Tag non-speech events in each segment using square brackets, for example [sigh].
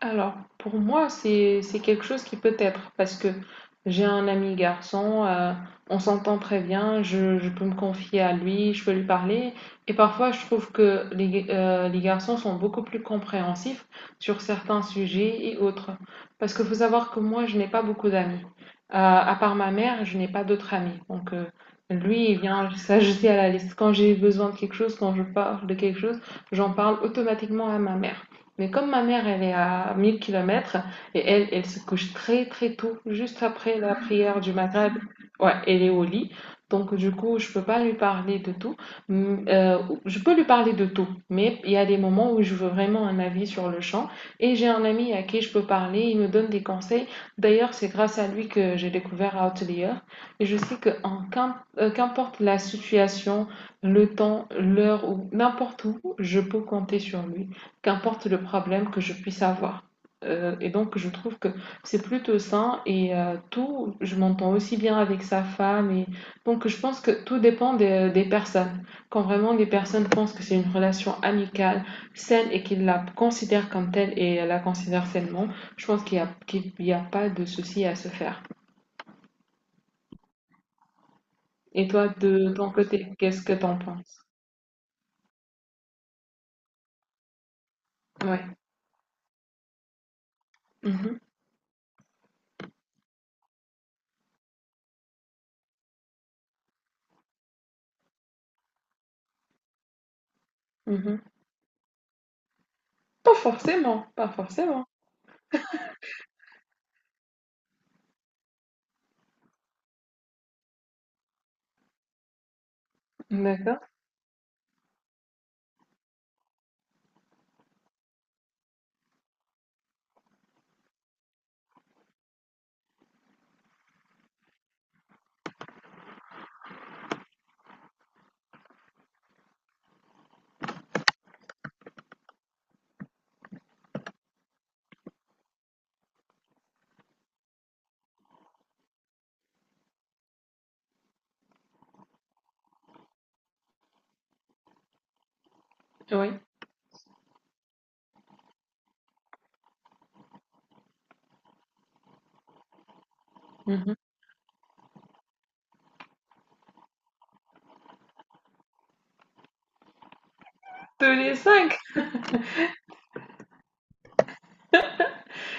Alors, pour moi, c'est quelque chose qui peut être parce que j'ai un ami garçon, on s'entend très bien, je peux me confier à lui, je peux lui parler. Et parfois, je trouve que les garçons sont beaucoup plus compréhensifs sur certains sujets et autres. Parce qu'il faut savoir que moi, je n'ai pas beaucoup d'amis. À part ma mère, je n'ai pas d'autres amis. Donc, lui, il vient [laughs] s'ajouter à la liste. Quand j'ai besoin de quelque chose, quand je parle de quelque chose, j'en parle automatiquement à ma mère. Mais comme ma mère, elle est à 1000 kilomètres et elle se couche très très tôt, juste après la prière du Maghreb, ouais, elle est au lit. Donc du coup, je peux pas lui parler de tout. Mm, euh, je peux lui parler de tout, mais il y a des moments où je veux vraiment un avis sur le champ. Et j'ai un ami à qui je peux parler, il me donne des conseils. D'ailleurs, c'est grâce à lui que j'ai découvert Outlier. Et je sais que qu'importe la situation, le temps, l'heure ou n'importe où, je peux compter sur lui qu'importe le problème que je puisse avoir. Et donc, je trouve que c'est plutôt sain et tout, je m'entends aussi bien avec sa femme. Donc, je pense que tout dépend des personnes. Quand vraiment les personnes pensent que c'est une relation amicale, saine et qu'ils la considèrent comme telle et la considèrent sainement, je pense qu'il y a pas de souci à se faire. Et toi, de ton côté, qu'est-ce que t'en penses? Ouais. Mhm, mhm. Pas forcément, pas forcément. D'accord. Oui. Mhm. Tous les cinq.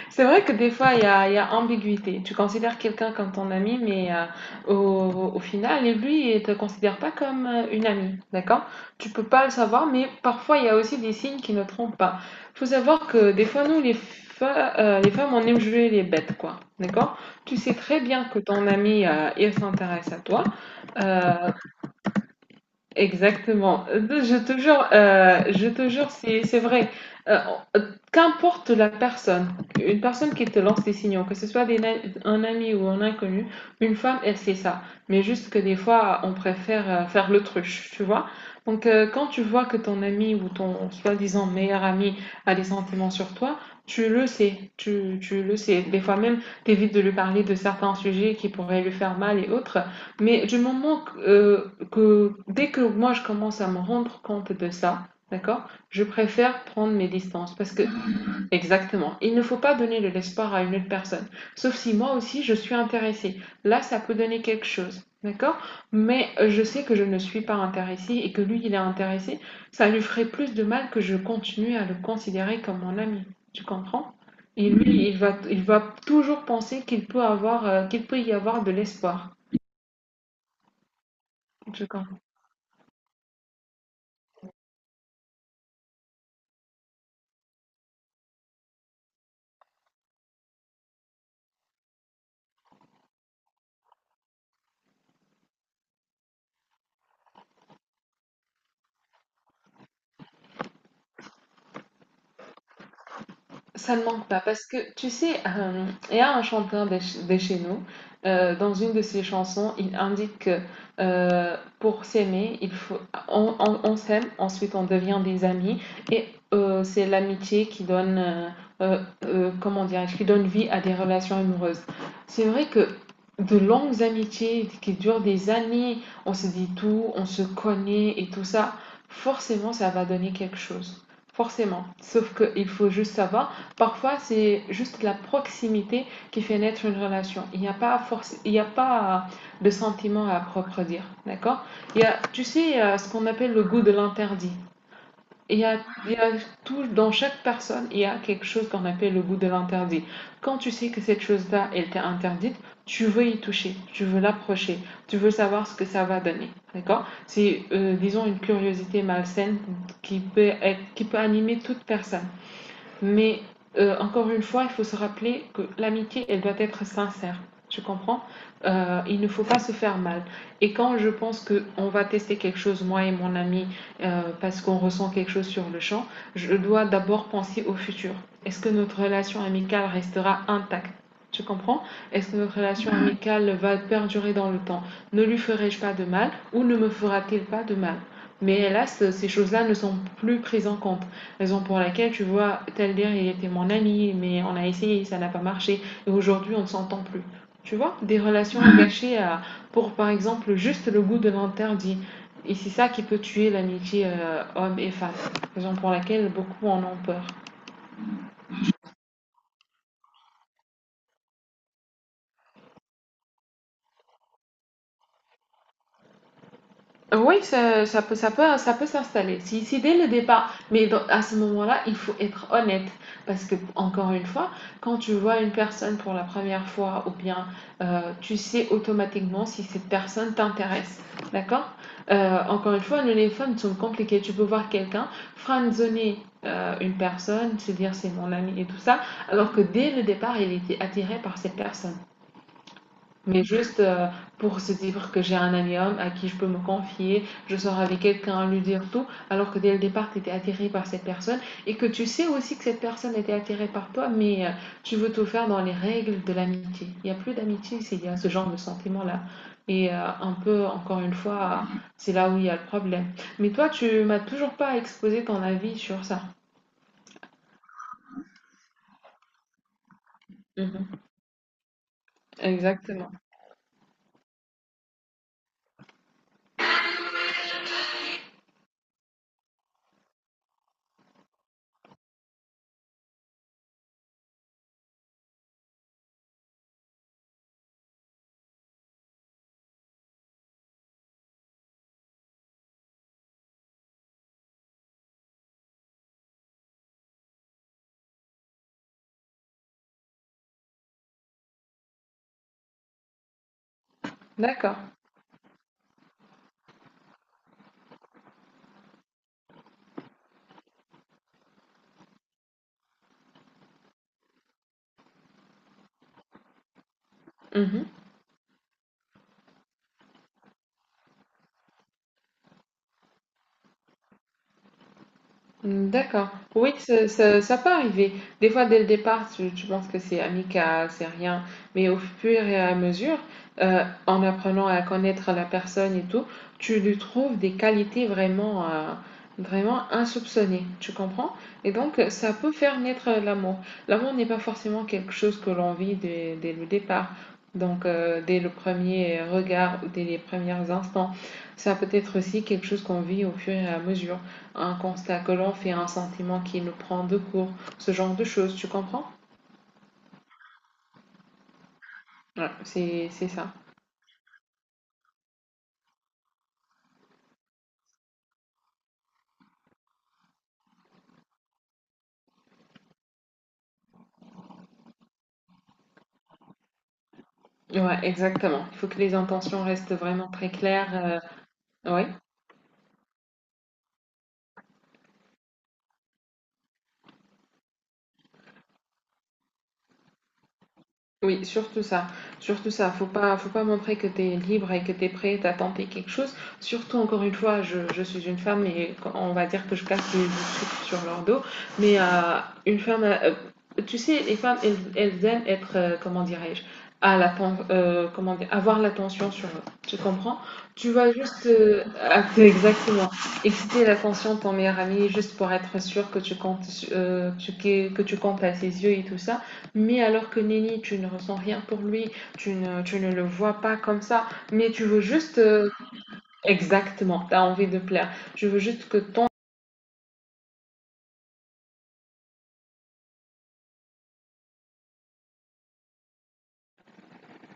C'est vrai que des fois, il y a ambiguïté. Tu considères quelqu'un comme ton ami, mais au final, lui, il te considère pas comme une amie, d'accord? Tu peux pas le savoir, mais parfois, il y a aussi des signes qui ne trompent pas. Faut savoir que des fois, nous, les femmes, on aime jouer les bêtes, quoi, d'accord? Tu sais très bien que ton ami, il s'intéresse à toi. Euh, Exactement. Je te jure, je te jure, c'est vrai. Euh, qu'importe la personne, une personne qui te lance des signaux, que ce soit un ami ou un inconnu, une femme, elle sait ça. Mais juste que des fois, on préfère faire l'autruche, tu vois. Donc, quand tu vois que ton ami ou ton soi-disant meilleur ami a des sentiments sur toi, tu le sais, tu le sais. Des fois même, t'évites de lui parler de certains sujets qui pourraient lui faire mal et autres. Mais du moment que, que dès que moi je commence à me rendre compte de ça, d'accord, je préfère prendre mes distances parce que exactement, il ne faut pas donner de l'espoir à une autre personne, sauf si moi aussi je suis intéressée. Là, ça peut donner quelque chose, d'accord? Mais je sais que je ne suis pas intéressée et que lui, il est intéressé. Ça lui ferait plus de mal que je continue à le considérer comme mon ami. Tu comprends? Et lui, il va toujours penser qu'il peut avoir, qu'il peut y avoir de l'espoir. Tu comprends? Ça ne manque pas parce que tu sais, il y a un chanteur de chez nous, dans une de ses chansons, il indique que pour s'aimer, on s'aime, ensuite on devient des amis et c'est l'amitié qui donne, comment dirais-je, qui donne vie à des relations amoureuses. C'est vrai que de longues amitiés qui durent des années, on se dit tout, on se connaît et tout ça, forcément ça va donner quelque chose. Forcément. Sauf qu'il faut juste savoir. Parfois, c'est juste la proximité qui fait naître une relation. Il n'y a pas force, il n'y a pas de sentiment à propre dire, d'accord. Il y a, tu sais, il y a ce qu'on appelle le goût de l'interdit. Il y, a, il y a tout dans chaque personne, il y a quelque chose qu'on appelle le goût de l'interdit. Quand tu sais que cette chose-là, elle t'est interdite, tu veux y toucher, tu veux l'approcher, tu veux savoir ce que ça va donner, d'accord. C'est, disons, une curiosité malsaine qui peut, qui peut animer toute personne. Mais encore une fois, il faut se rappeler que l'amitié, elle doit être sincère. Tu comprends? Il ne faut pas se faire mal. Et quand je pense que on va tester quelque chose, moi et mon ami, parce qu'on ressent quelque chose sur le champ, je dois d'abord penser au futur. Est-ce que notre relation amicale restera intacte? Tu comprends? Est-ce que notre relation amicale va perdurer dans le temps? Ne lui ferai-je pas de mal ou ne me fera-t-il pas de mal? Mais hélas, ces choses-là ne sont plus prises en compte. Raison pour laquelle, tu vois, Taldir, il était mon ami, mais on a essayé, ça n'a pas marché. Et aujourd'hui, on ne s'entend plus. Tu vois, des relations gâchées pour, par exemple, juste le goût de l'interdit. Et c'est ça qui peut tuer l'amitié homme et femme. Raison pour laquelle beaucoup en ont peur. Oui, ça peut, ça peut s'installer. Si, si dès le départ, à ce moment-là, il faut être honnête. Parce que, encore une fois, quand tu vois une personne pour la première fois, ou bien tu sais automatiquement si cette personne t'intéresse. D'accord? Encore une fois, nous, les femmes sont compliquées. Tu peux voir quelqu'un franzonner une personne, se dire c'est mon ami et tout ça, alors que dès le départ, il était attiré par cette personne. Mais juste pour se dire que j'ai un ami homme à qui je peux me confier, je sors avec quelqu'un, lui dire tout, alors que dès le départ, tu étais attiré par cette personne et que tu sais aussi que cette personne était attirée par toi, mais tu veux tout faire dans les règles de l'amitié. Il n'y a plus d'amitié s'il y a ce genre de sentiment-là. Un peu, encore une fois, c'est là où il y a le problème. Mais toi, tu m'as toujours pas exposé ton avis sur ça. Mhm. Exactement. D'accord. Mhm. Mm, d'accord. Oui, ça peut arriver. Des fois, dès le départ, tu penses que c'est amical, c'est rien. Mais au fur et à mesure, en apprenant à connaître la personne et tout, tu lui trouves des qualités vraiment, vraiment insoupçonnées. Tu comprends? Et donc, ça peut faire naître l'amour. L'amour n'est pas forcément quelque chose que l'on vit dès le départ. Donc, dès le premier regard ou dès les premiers instants. Ça peut être aussi quelque chose qu'on vit au fur et à mesure, un constat que l'on fait, un sentiment qui nous prend de court, ce genre de choses, tu comprends? Ouais, c'est ça. Ouais, exactement. Il faut que les intentions restent vraiment très claires. Ouais, Oui, surtout ça, surtout ça. Faut pas montrer que tu es libre et que tu es prête à tenter quelque chose. Surtout, encore une fois, je suis une femme et on va dire que je casse les trucs sur leur dos. Mais une femme, tu sais, les femmes, elles aiment être, comment dirais-je, comment dire, avoir l'attention sur eux. Tu comprends? Tu vas juste [laughs] exactement exciter l'attention de ton meilleur ami juste pour être sûr que tu comptes, que tu comptes à ses yeux et tout ça. Mais alors que Nelly, tu ne ressens rien pour lui, tu ne le vois pas comme ça, mais tu veux juste. Exactement, tu as envie de plaire. Tu veux juste que ton.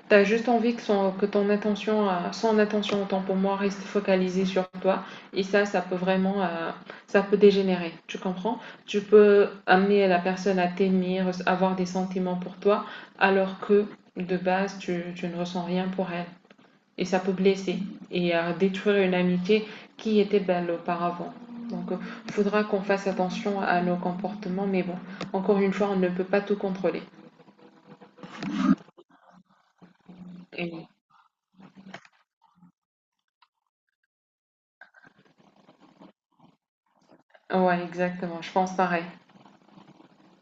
T'as juste envie que, que ton attention, son attention autant pour moi reste focalisée sur toi. Et ça peut vraiment, ça peut dégénérer. Tu comprends? Tu peux amener la personne à t'aimer, avoir des sentiments pour toi, alors que de base, tu ne ressens rien pour elle. Et ça peut blesser et détruire une amitié qui était belle auparavant. Donc il faudra qu'on fasse attention à nos comportements, mais bon, encore une fois, on ne peut pas tout contrôler. Et, ouais, exactement, je pense pareil.